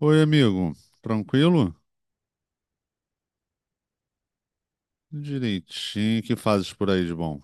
Oi, amigo. Tranquilo? Direitinho. O que fazes por aí de bom?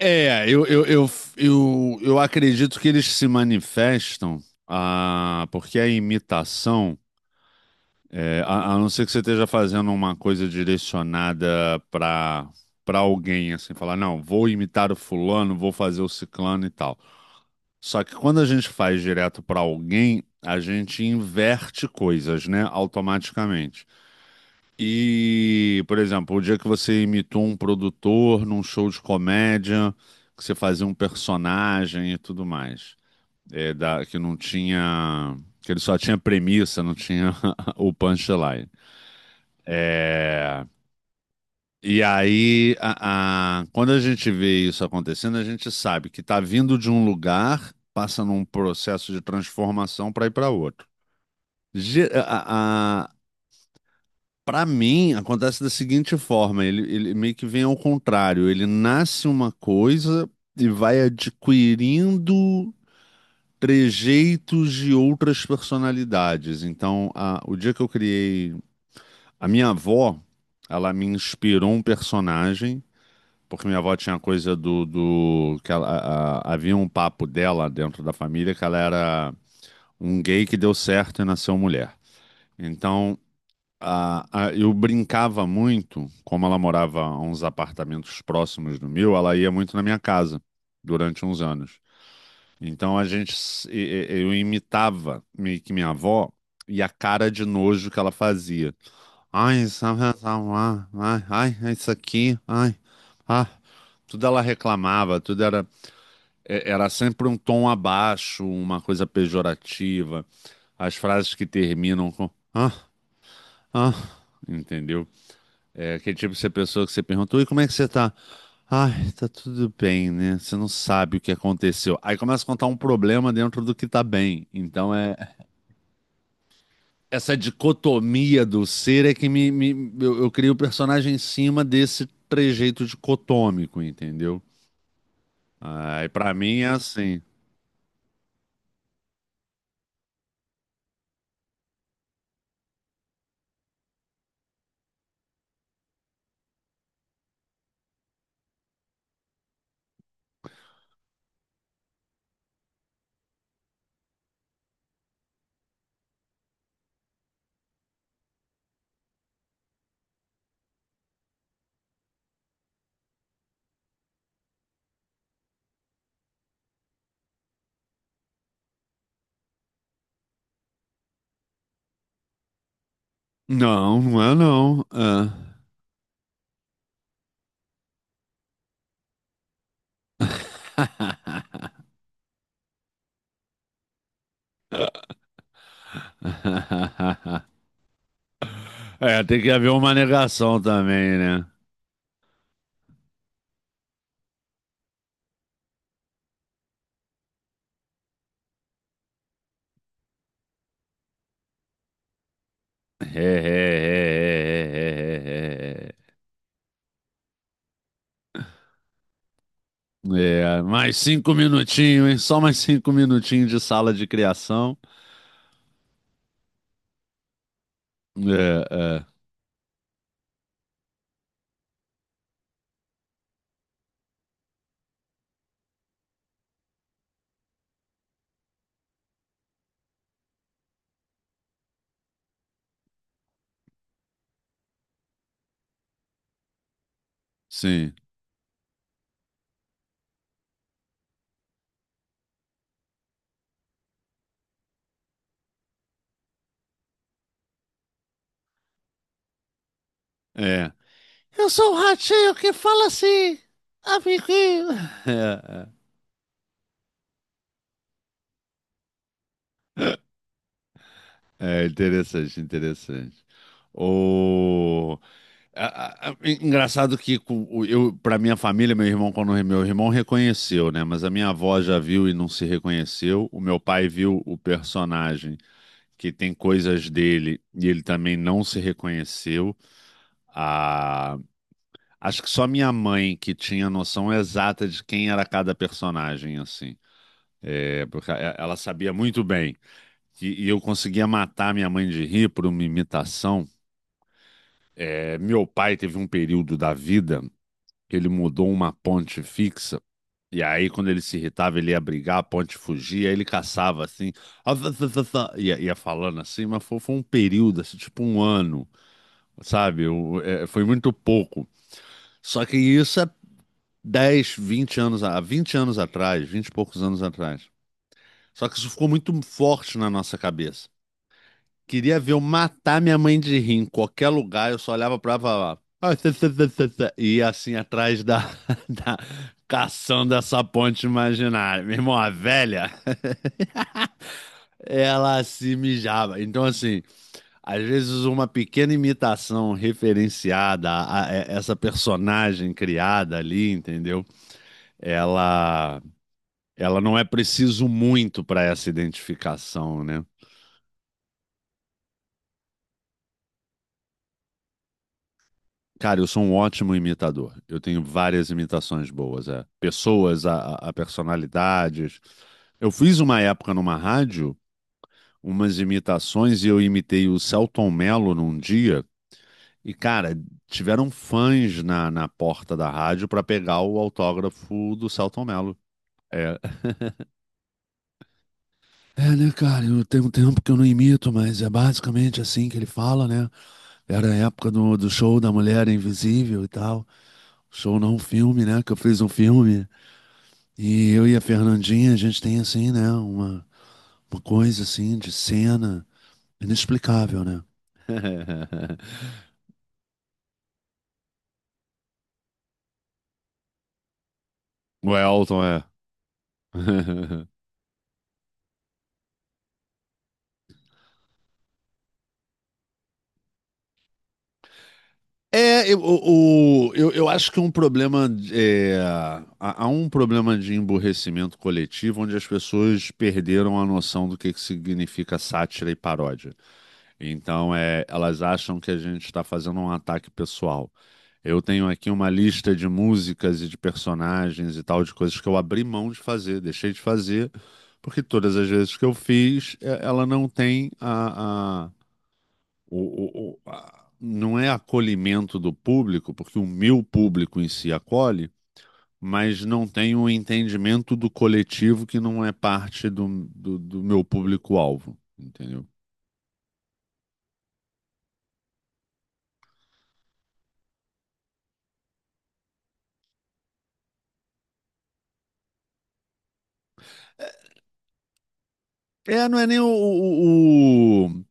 É, eu acredito que eles se manifestam, ah, porque a imitação, a não ser que você esteja fazendo uma coisa direcionada para alguém, assim, falar, não, vou imitar o fulano, vou fazer o ciclano e tal. Só que quando a gente faz direto para alguém, a gente inverte coisas, né, automaticamente. E, por exemplo, o dia que você imitou um produtor num show de comédia, que você fazia um personagem e tudo mais, que não tinha, que ele só tinha premissa, não tinha o punchline. É, e aí, quando a gente vê isso acontecendo, a gente sabe que está vindo de um lugar, passa num processo de transformação para ir para outro. Ge- A, Para mim, acontece da seguinte forma: ele meio que vem ao contrário. Ele nasce uma coisa e vai adquirindo trejeitos de outras personalidades. Então, o dia que eu criei. A minha avó, ela me inspirou um personagem, porque minha avó tinha a coisa do que ela, havia um papo dela dentro da família que ela era um gay que deu certo e nasceu mulher. Então. Eu brincava muito, como ela morava a uns apartamentos próximos do meu, ela ia muito na minha casa durante uns anos. Então a gente, eu imitava meio que minha avó e a cara de nojo que ela fazia. Ai, isso, ah, ah, ah, ai, ai, é isso aqui, ai, ah. Tudo ela reclamava, tudo era, era sempre um tom abaixo, uma coisa pejorativa. As frases que terminam com ah, ah, entendeu? É aquele tipo de pessoa que você perguntou, e como é que você tá? Ai, tá tudo bem, né? Você não sabe o que aconteceu. Aí começa a contar um problema dentro do que tá bem. Então é essa dicotomia do ser é que eu crio o personagem em cima desse trejeito dicotômico, entendeu? Aí pra mim é assim. Não, não é não. É, é, tem que haver uma negação também, né? É, é, é, é, é, é, é. É, é, é. É, mais 5 minutinhos, hein? Só mais 5 minutinhos de sala de criação. É, é, sim, é. Eu sou o ratinho que fala assim, amiguinho. É, é interessante, interessante. O... a- Engraçado que eu, para minha família, meu irmão, quando meu irmão reconheceu, né? Mas a minha avó já viu e não se reconheceu. O meu pai viu o personagem que tem coisas dele e ele também não se reconheceu. Ah, acho que só minha mãe que tinha noção exata de quem era cada personagem, assim. É, porque ela sabia muito bem. E eu conseguia matar minha mãe de rir por uma imitação. É, meu pai teve um período da vida que ele mudou uma ponte fixa. E aí, quando ele se irritava, ele ia brigar, a ponte fugia, aí ele caçava assim, "Ah, tá, tá, tá, tá", ia falando assim, mas foi um período, assim, tipo um ano, sabe? É, foi muito pouco. Só que isso é 10 20 anos, há 20 anos atrás, 20 e poucos anos atrás. Só que isso ficou muito forte na nossa cabeça. Queria ver eu matar minha mãe de rir em qualquer lugar, eu só olhava pra lá. "Ah, tê, tê, tê, tê, tê", e ia assim atrás da, da caçando essa ponte imaginária. Meu irmão, a velha, ela se mijava. Então, assim, às vezes uma pequena imitação referenciada a essa personagem criada ali, entendeu? Ela, ela não é preciso muito para essa identificação, né? Cara, eu sou um ótimo imitador. Eu tenho várias imitações boas, é. Pessoas, a personalidades. Eu fiz uma época numa rádio umas imitações e eu imitei o Celton Mello num dia. E, cara, tiveram fãs na porta da rádio pra pegar o autógrafo do Celton Mello. É, é, né, cara, eu tenho um tempo que eu não imito, mas é basicamente assim que ele fala, né? Era a época do show da Mulher Invisível e tal. Show não, um filme, né? Que eu fiz um filme. E eu e a Fernandinha, a gente tem assim, né? Uma coisa assim de cena inexplicável, né? O Elton, é. É, eu, o- eu acho que um problema é, há um problema de emburrecimento coletivo onde as pessoas perderam a noção do que significa sátira e paródia. Então, elas acham que a gente está fazendo um ataque pessoal. Eu tenho aqui uma lista de músicas e de personagens e tal, de coisas que eu abri mão de fazer, deixei de fazer, porque todas as vezes que eu fiz, ela não tem a- não é acolhimento do público, porque o meu público em si acolhe, mas não tem o entendimento do coletivo que não é parte do, do meu público-alvo, entendeu? É, não é nem o.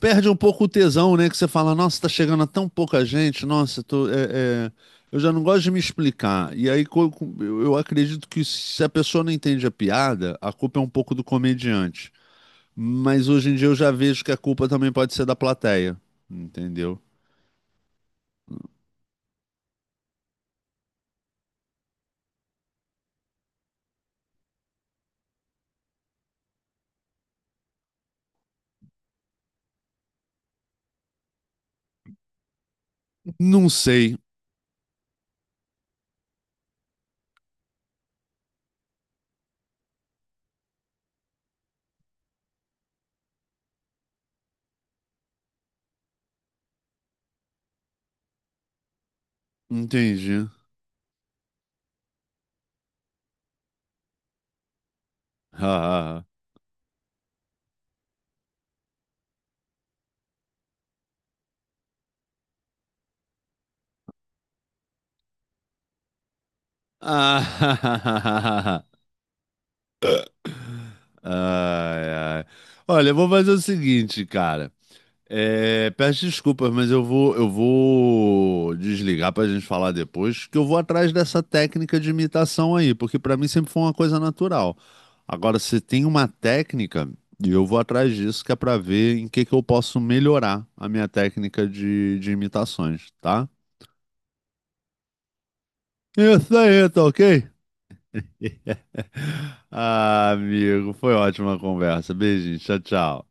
Perde um pouco o tesão, né? Que você fala, nossa, tá chegando a tão pouca gente, nossa, eu tô, é, eu já não gosto de me explicar. E aí eu acredito que se a pessoa não entende a piada, a culpa é um pouco do comediante. Mas hoje em dia eu já vejo que a culpa também pode ser da plateia, entendeu? Não sei, entendi. Ah, ai, ai. Olha, eu vou fazer o seguinte, cara. Peço desculpas, mas eu vou, desligar pra gente falar depois, que eu vou atrás dessa técnica de imitação aí, porque pra mim sempre foi uma coisa natural. Agora, você tem uma técnica, e eu vou atrás disso, que é pra ver em que eu posso melhorar a minha técnica de imitações, tá? Isso aí, tá ok? Ah, amigo, foi ótima a conversa. Beijinho, tchau, tchau.